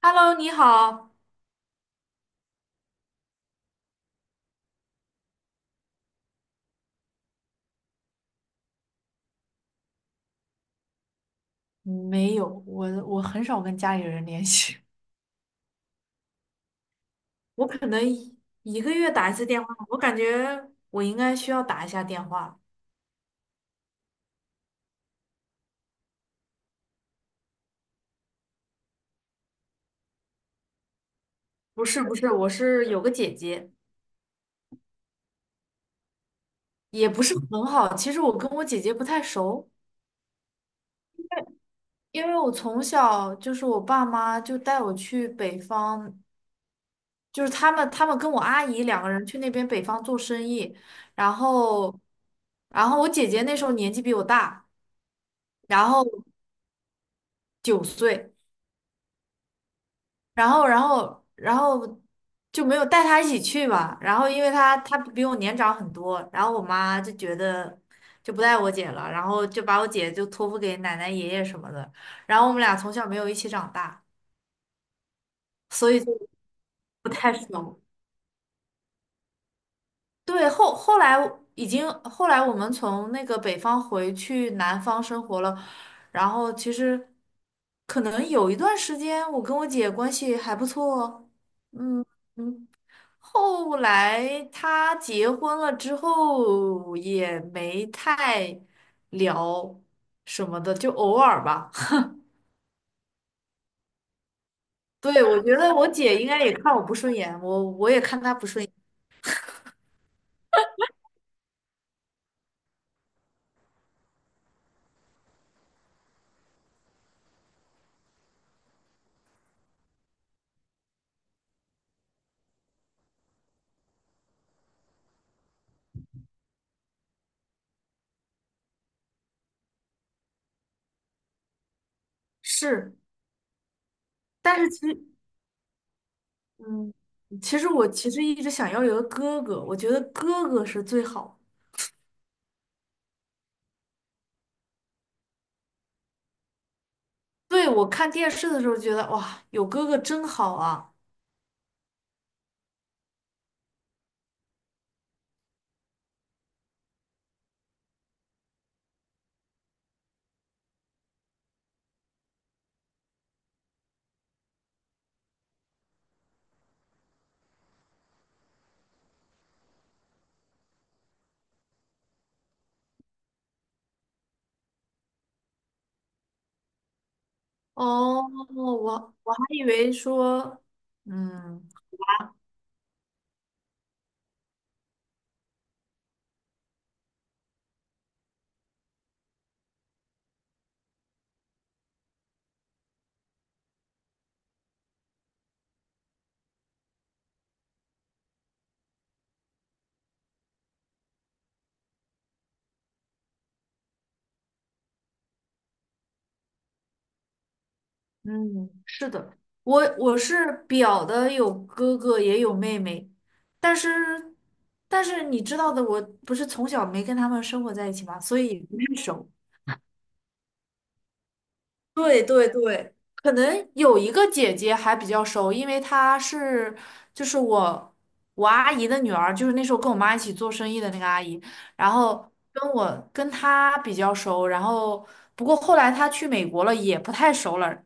Hello，你好。没有，我很少跟家里人联系。我可能一个月打1次电话，我感觉我应该需要打一下电话。不是，我是有个姐姐，也不是很好。其实我跟我姐姐不太熟，因为我从小就是我爸妈就带我去北方，就是他们跟我阿姨两个人去那边北方做生意，然后然后我姐姐那时候年纪比我大，然后9岁。然后就没有带他一起去吧。然后因为他比我年长很多，然后我妈就觉得就不带我姐了，然后就把我姐就托付给奶奶爷爷什么的。然后我们俩从小没有一起长大，所以就不太熟。对，后来已经后来我们从那个北方回去南方生活了，然后其实可能有1段时间我跟我姐关系还不错哦，嗯嗯。后来他结婚了之后也没太聊什么的，就偶尔吧。对，我觉得我姐应该也看我不顺眼，我也看她不顺眼。是，但是其实，嗯，其实我一直想要有个哥哥，我觉得哥哥是最好。对，我看电视的时候觉得哇，有哥哥真好啊。哦，我还以为说，嗯。嗯，是的，我是表的有哥哥也有妹妹，但是但是你知道的，我不是从小没跟他们生活在一起嘛，所以不太熟。对对对，可能有一个姐姐还比较熟，因为她是就是我阿姨的女儿，就是那时候跟我妈一起做生意的那个阿姨，然后跟我跟她比较熟，然后不过后来她去美国了，也不太熟了。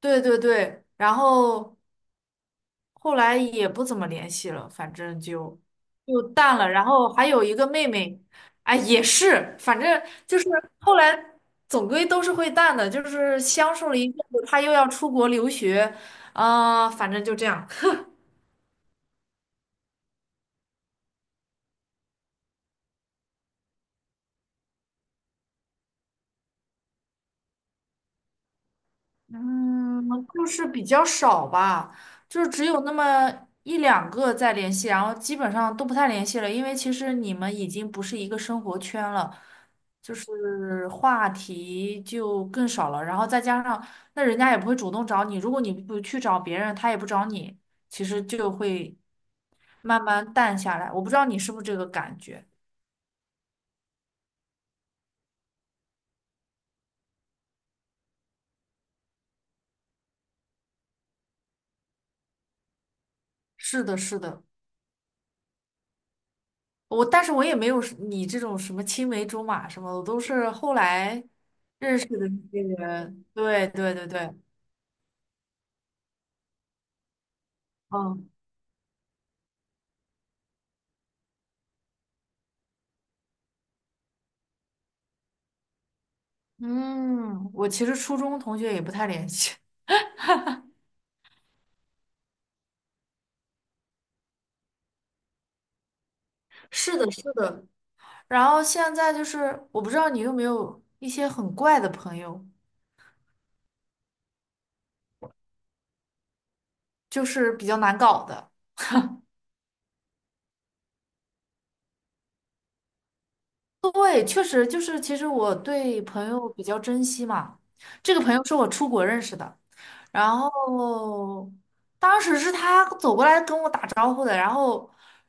对对对，然后后来也不怎么联系了，反正就就淡了。然后还有一个妹妹，哎，也是，反正就是后来总归都是会淡的，就是相处了一阵子，她又要出国留学，啊、反正就这样。嗯，就是比较少吧，就是只有那么1两个在联系，然后基本上都不太联系了，因为其实你们已经不是一个生活圈了，就是话题就更少了，然后再加上那人家也不会主动找你，如果你不去找别人，他也不找你，其实就会慢慢淡下来。我不知道你是不是这个感觉？是的，是的，但是我也没有是你这种什么青梅竹马什么的，我都是后来。认识的那些人，对对对对，嗯嗯，我其实初中同学也不太联系。是的，是的。然后现在就是，我不知道你有没有一些很怪的朋友，就是比较难搞的。对，确实就是，其实我对朋友比较珍惜嘛。这个朋友是我出国认识的。然后当时是他走过来跟我打招呼的，然后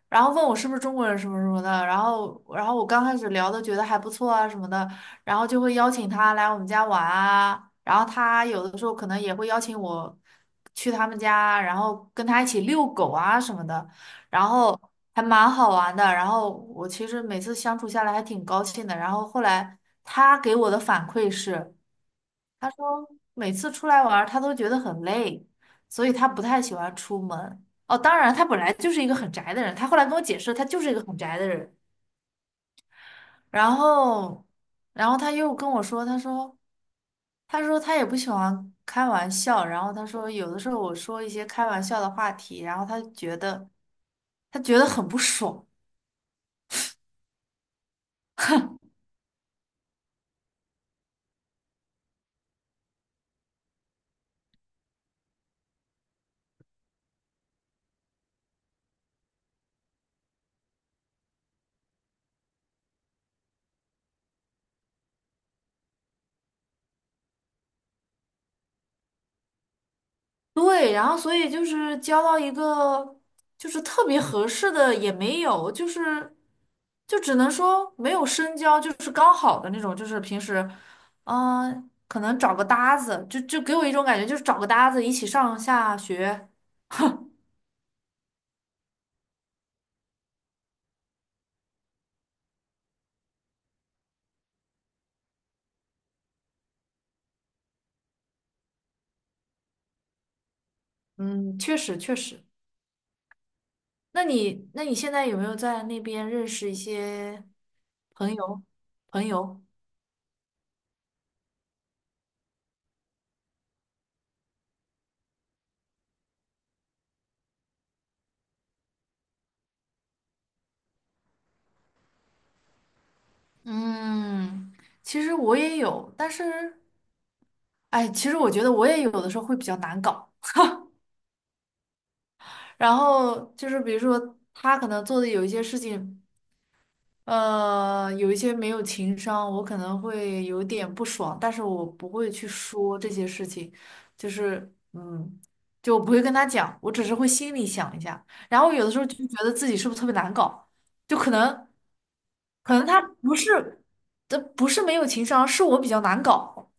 然后问我是不是中国人什么什么的，然后我刚开始聊的觉得还不错啊什么的，然后就会邀请他来我们家玩啊，然后他有的时候可能也会邀请我去他们家，然后跟他一起遛狗啊什么的，然后还蛮好玩的，然后我其实每次相处下来还挺高兴的，然后后来他给我的反馈是。他说每次出来玩儿他都觉得很累，所以他不太喜欢出门。哦，当然，他本来就是一个很宅的人，他后来跟我解释，他就是一个很宅的人。然后，然后他又跟我说，他说，他说他也不喜欢开玩笑，然后他说有的时候我说一些开玩笑的话题，然后他觉得很不爽。对，然后所以就是交到一个就是特别合适的也没有，就是就只能说没有深交，就是刚好的那种，就是平时，嗯、可能找个搭子，就就给我一种感觉，就是找个搭子一起上下学。嗯，确实。那你现在有没有在那边认识一些朋友朋友？嗯，其实我也有，但是哎，其实我觉得我也有的时候会比较难搞。然后就是比如说他可能做的有一些事情，呃，有一些没有情商，我可能会有点不爽，但是我不会去说这些事情，就是嗯，就我不会跟他讲，我只是会心里想一下，然后有的时候就觉得自己是不是特别难搞，就可能可能他不是，这不是没有情商，是我比较难搞。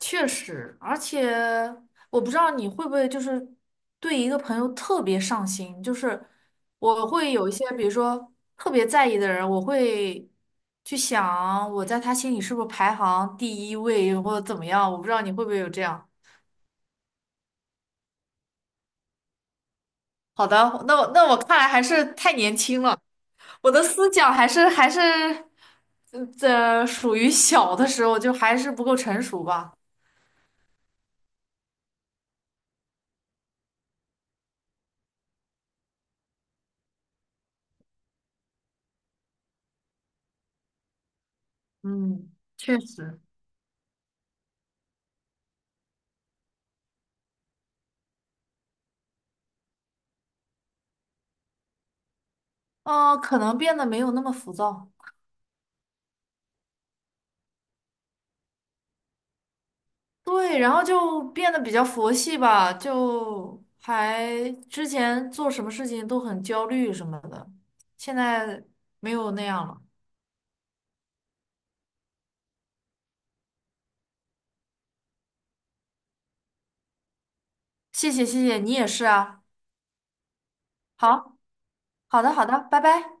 确实，而且我不知道你会不会就是对一个朋友特别上心，就是我会有一些，比如说特别在意的人，我会去想我在他心里是不是排行第1位或者怎么样，我不知道你会不会有这样。好的，那我看来还是太年轻了，我的思想还是嗯这属于小的时候，就还是不够成熟吧。嗯，确实，嗯、可能变得没有那么浮躁。对，然后就变得比较佛系吧，就还之前做什么事情都很焦虑什么的，现在没有那样了。谢谢谢谢，你也是啊。好，好的好的，拜拜。